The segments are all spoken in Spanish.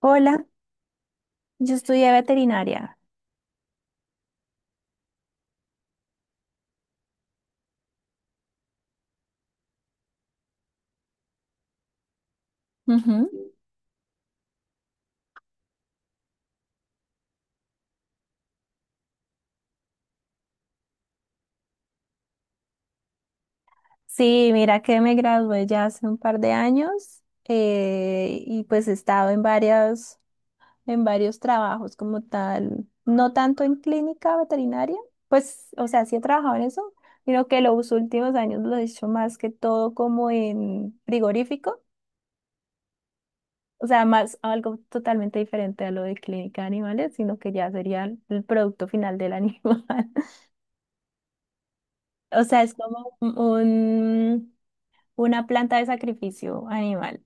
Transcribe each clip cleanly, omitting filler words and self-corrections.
Hola, yo estudié veterinaria. Ujú. Sí, mira que me gradué ya hace un par de años y pues he estado en varias, en varios trabajos como tal, no tanto en clínica veterinaria, pues, o sea, sí he trabajado en eso, sino que los últimos años lo he hecho más que todo como en frigorífico, o sea, más algo totalmente diferente a lo de clínica de animales, sino que ya sería el producto final del animal. O sea, es como un una planta de sacrificio animal.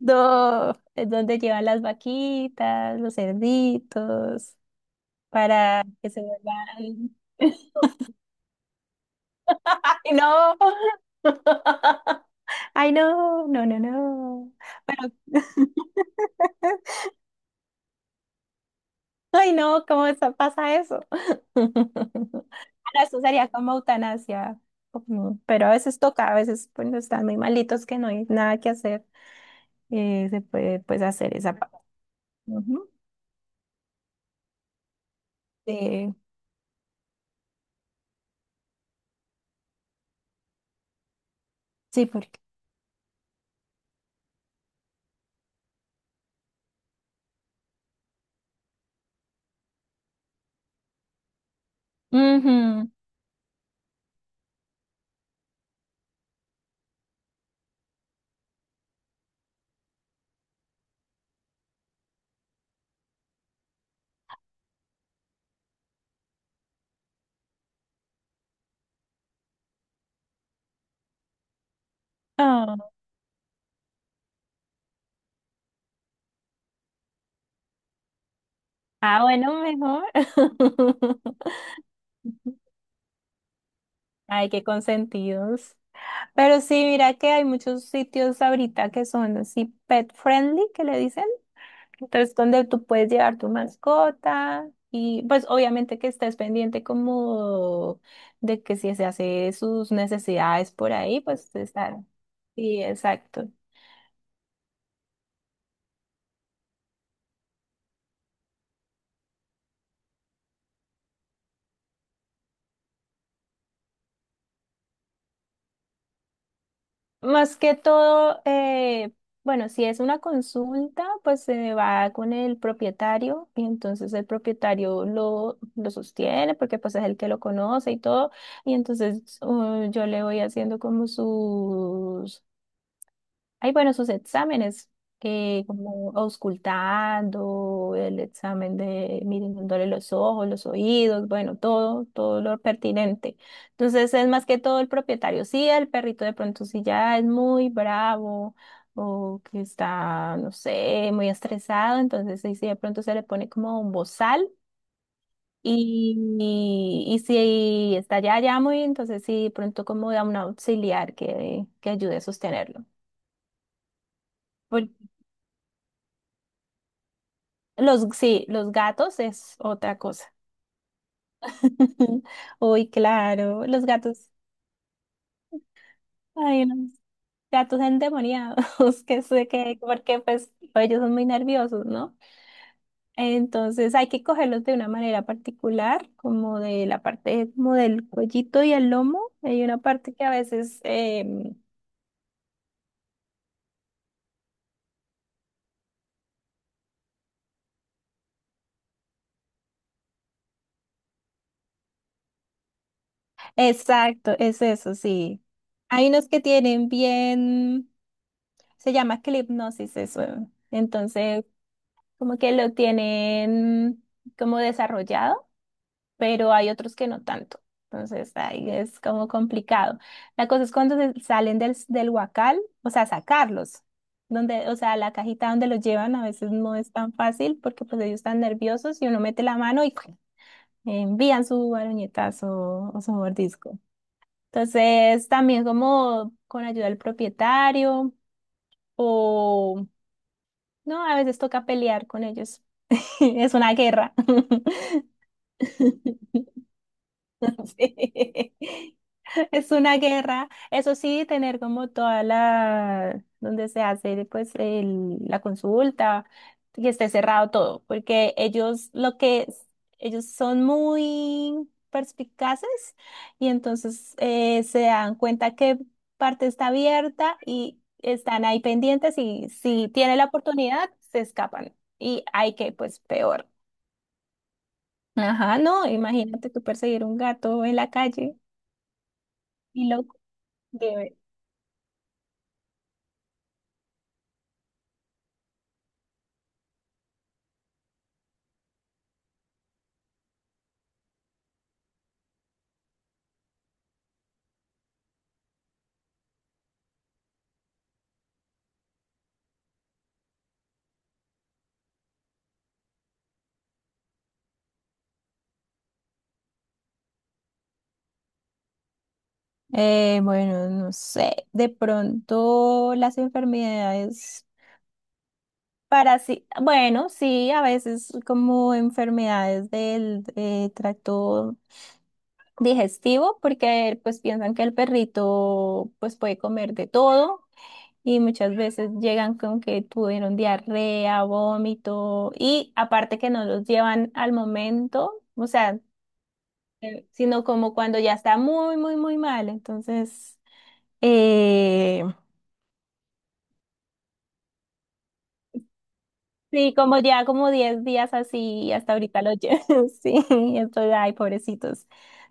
No, es donde llevan las vaquitas, los cerditos, para que se vuelvan. ¡Ay, no! ¡Ay, no! No, no, no. Pero, ¡ay, no! ¿Cómo está- pasa eso? Ahora, eso sería como eutanasia. Ujú. Pero a veces toca, a veces pues están muy malitos que no hay nada que hacer, se puede pues hacer esa parte. Ujú. Eh, sí, porque ujú. Ah, ah, bueno, mejor. Ay, qué consentidos. Pero sí, mira que hay muchos sitios ahorita que son así pet friendly, que le dicen. Entonces, donde tú puedes llevar tu mascota y pues obviamente que estés pendiente como de que si se hace sus necesidades por ahí, pues estar. Sí, exacto. Más que todo, bueno, si es una consulta, pues se va con el propietario y entonces el propietario lo sostiene porque pues es el que lo conoce y todo. Y entonces yo le voy haciendo como sus hay, bueno, sus exámenes, como auscultando, el examen de mirándole los ojos, los oídos, bueno, todo, todo lo pertinente. Entonces es más que todo el propietario. Sí, el perrito de pronto si ya es muy bravo o que está, no sé, muy estresado, entonces ahí sí de pronto se le pone como un bozal. Y, y si está ya, ya muy, entonces sí, de pronto como da un auxiliar que ayude a sostenerlo. Los, sí, los gatos es otra cosa. Uy, claro, los gatos, ay unos gatos endemoniados, que sé que, porque pues ellos son muy nerviosos, ¿no? Entonces hay que cogerlos de una manera particular, como de la parte, como del cuellito y el lomo. Hay una parte que a veces, exacto, es eso, sí. Hay unos que tienen bien, se llama clipnosis eso. Entonces como que lo tienen como desarrollado, pero hay otros que no tanto. Entonces ahí es como complicado. La cosa es cuando se- salen del, del huacal, o sea, sacarlos. Donde, o sea, la cajita donde los llevan a veces no es tan fácil porque pues ellos están nerviosos y uno mete la mano y ¡cuac! Envían su baroñetazo o su mordisco. Entonces, también como con ayuda del propietario o, no, a veces toca pelear con ellos. Es una guerra. Sí. Es una guerra. Eso sí, tener como toda la, donde se hace pues el- la consulta, que esté cerrado todo, porque ellos lo que, es- ellos son muy perspicaces y entonces se dan cuenta qué parte está abierta y están ahí pendientes y si tiene la oportunidad, se escapan. Y hay que, pues, peor. Ajá, no, imagínate tú perseguir un gato en la calle. Debe. Bueno, no sé, de pronto las enfermedades parasi- bueno, sí, a veces como enfermedades del tracto digestivo, porque pues piensan que el perrito pues puede comer de todo y muchas veces llegan con que tuvieron diarrea, vómito y aparte que no los llevan al momento, o sea, sino como cuando ya está muy, muy, muy mal, entonces... Eh, Sí, como ya como 10 días así, y hasta ahorita lo llevo. Sí, estoy, ay, pobrecitos.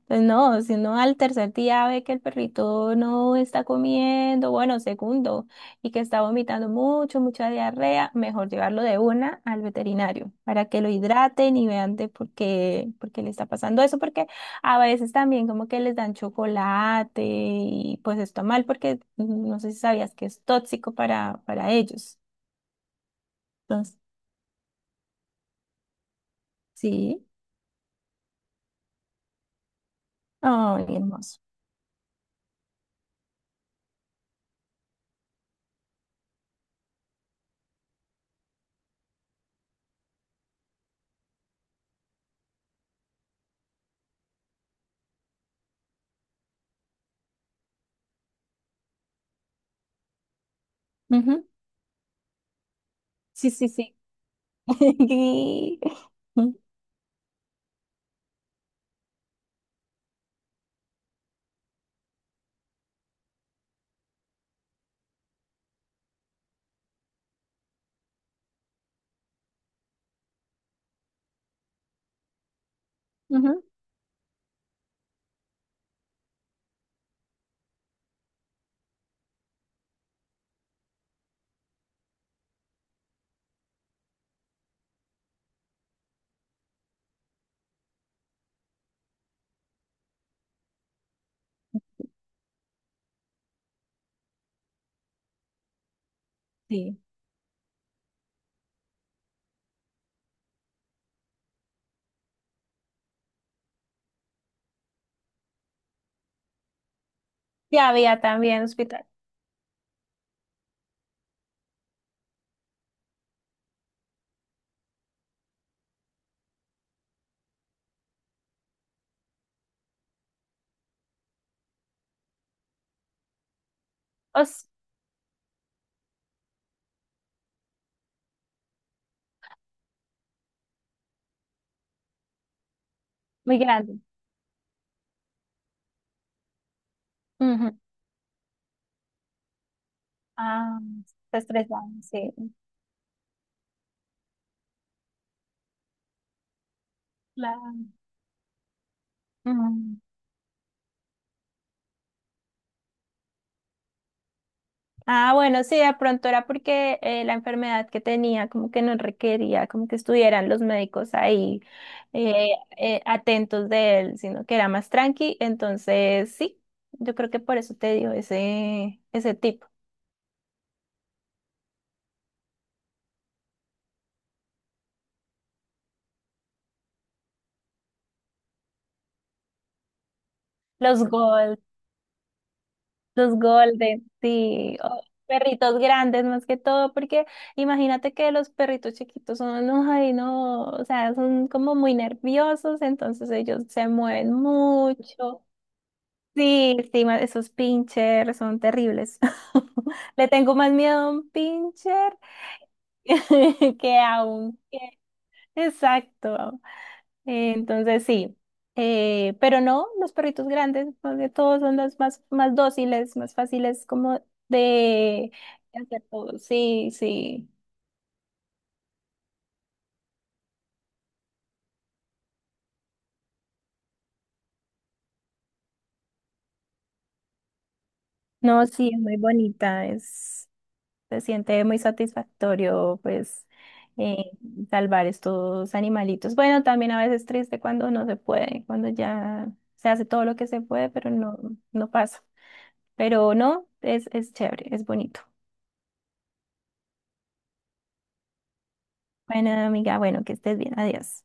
Pues no, si uno al tercer día ve que el perrito no está comiendo, bueno, segundo, y que está vomitando mucho, mucha diarrea, mejor llevarlo de una al veterinario para que lo hidraten y vean de por qué le está pasando eso, porque a veces también como que les dan chocolate y pues está mal porque mm, no sé si sabías que es tóxico para ellos. Entonces, sí. Ay, hermoso. Ujú. Sí, sí, sí. Y- ujú, sí. Ya había también hospital. Os- muy grande. Ujú. Ah, está estresado, sí. Claro. Ujú. Ah, bueno, sí, de pronto era porque la enfermedad que tenía como que no requería como que estuvieran los médicos ahí eh, atentos de él, sino que era más tranqui. Entonces, sí, yo creo que por eso te dio ese, ese tipo. Los golpes. Los golden, sí, o perritos grandes más que todo, porque imagínate que los perritos chiquitos son, no, ay, no, o sea, son como muy nerviosos, entonces ellos se mueven mucho. Sí, sí, ma- esos pincher son terribles. Le tengo más miedo a un pincher que a un... Exacto. Entonces sí, pero no, los perritos grandes, porque todos son los más, más dóciles, más fáciles como de hacer todo. Sí, sí. No, sí, es muy bonita, es, se siente muy satisfactorio, pues, eh, salvar estos animalitos. Bueno, también a veces triste cuando no se puede, cuando ya se hace todo lo que se puede, pero no, no pasa. Pero no, es chévere, es bonito. Bueno, amiga, bueno, que estés bien, adiós.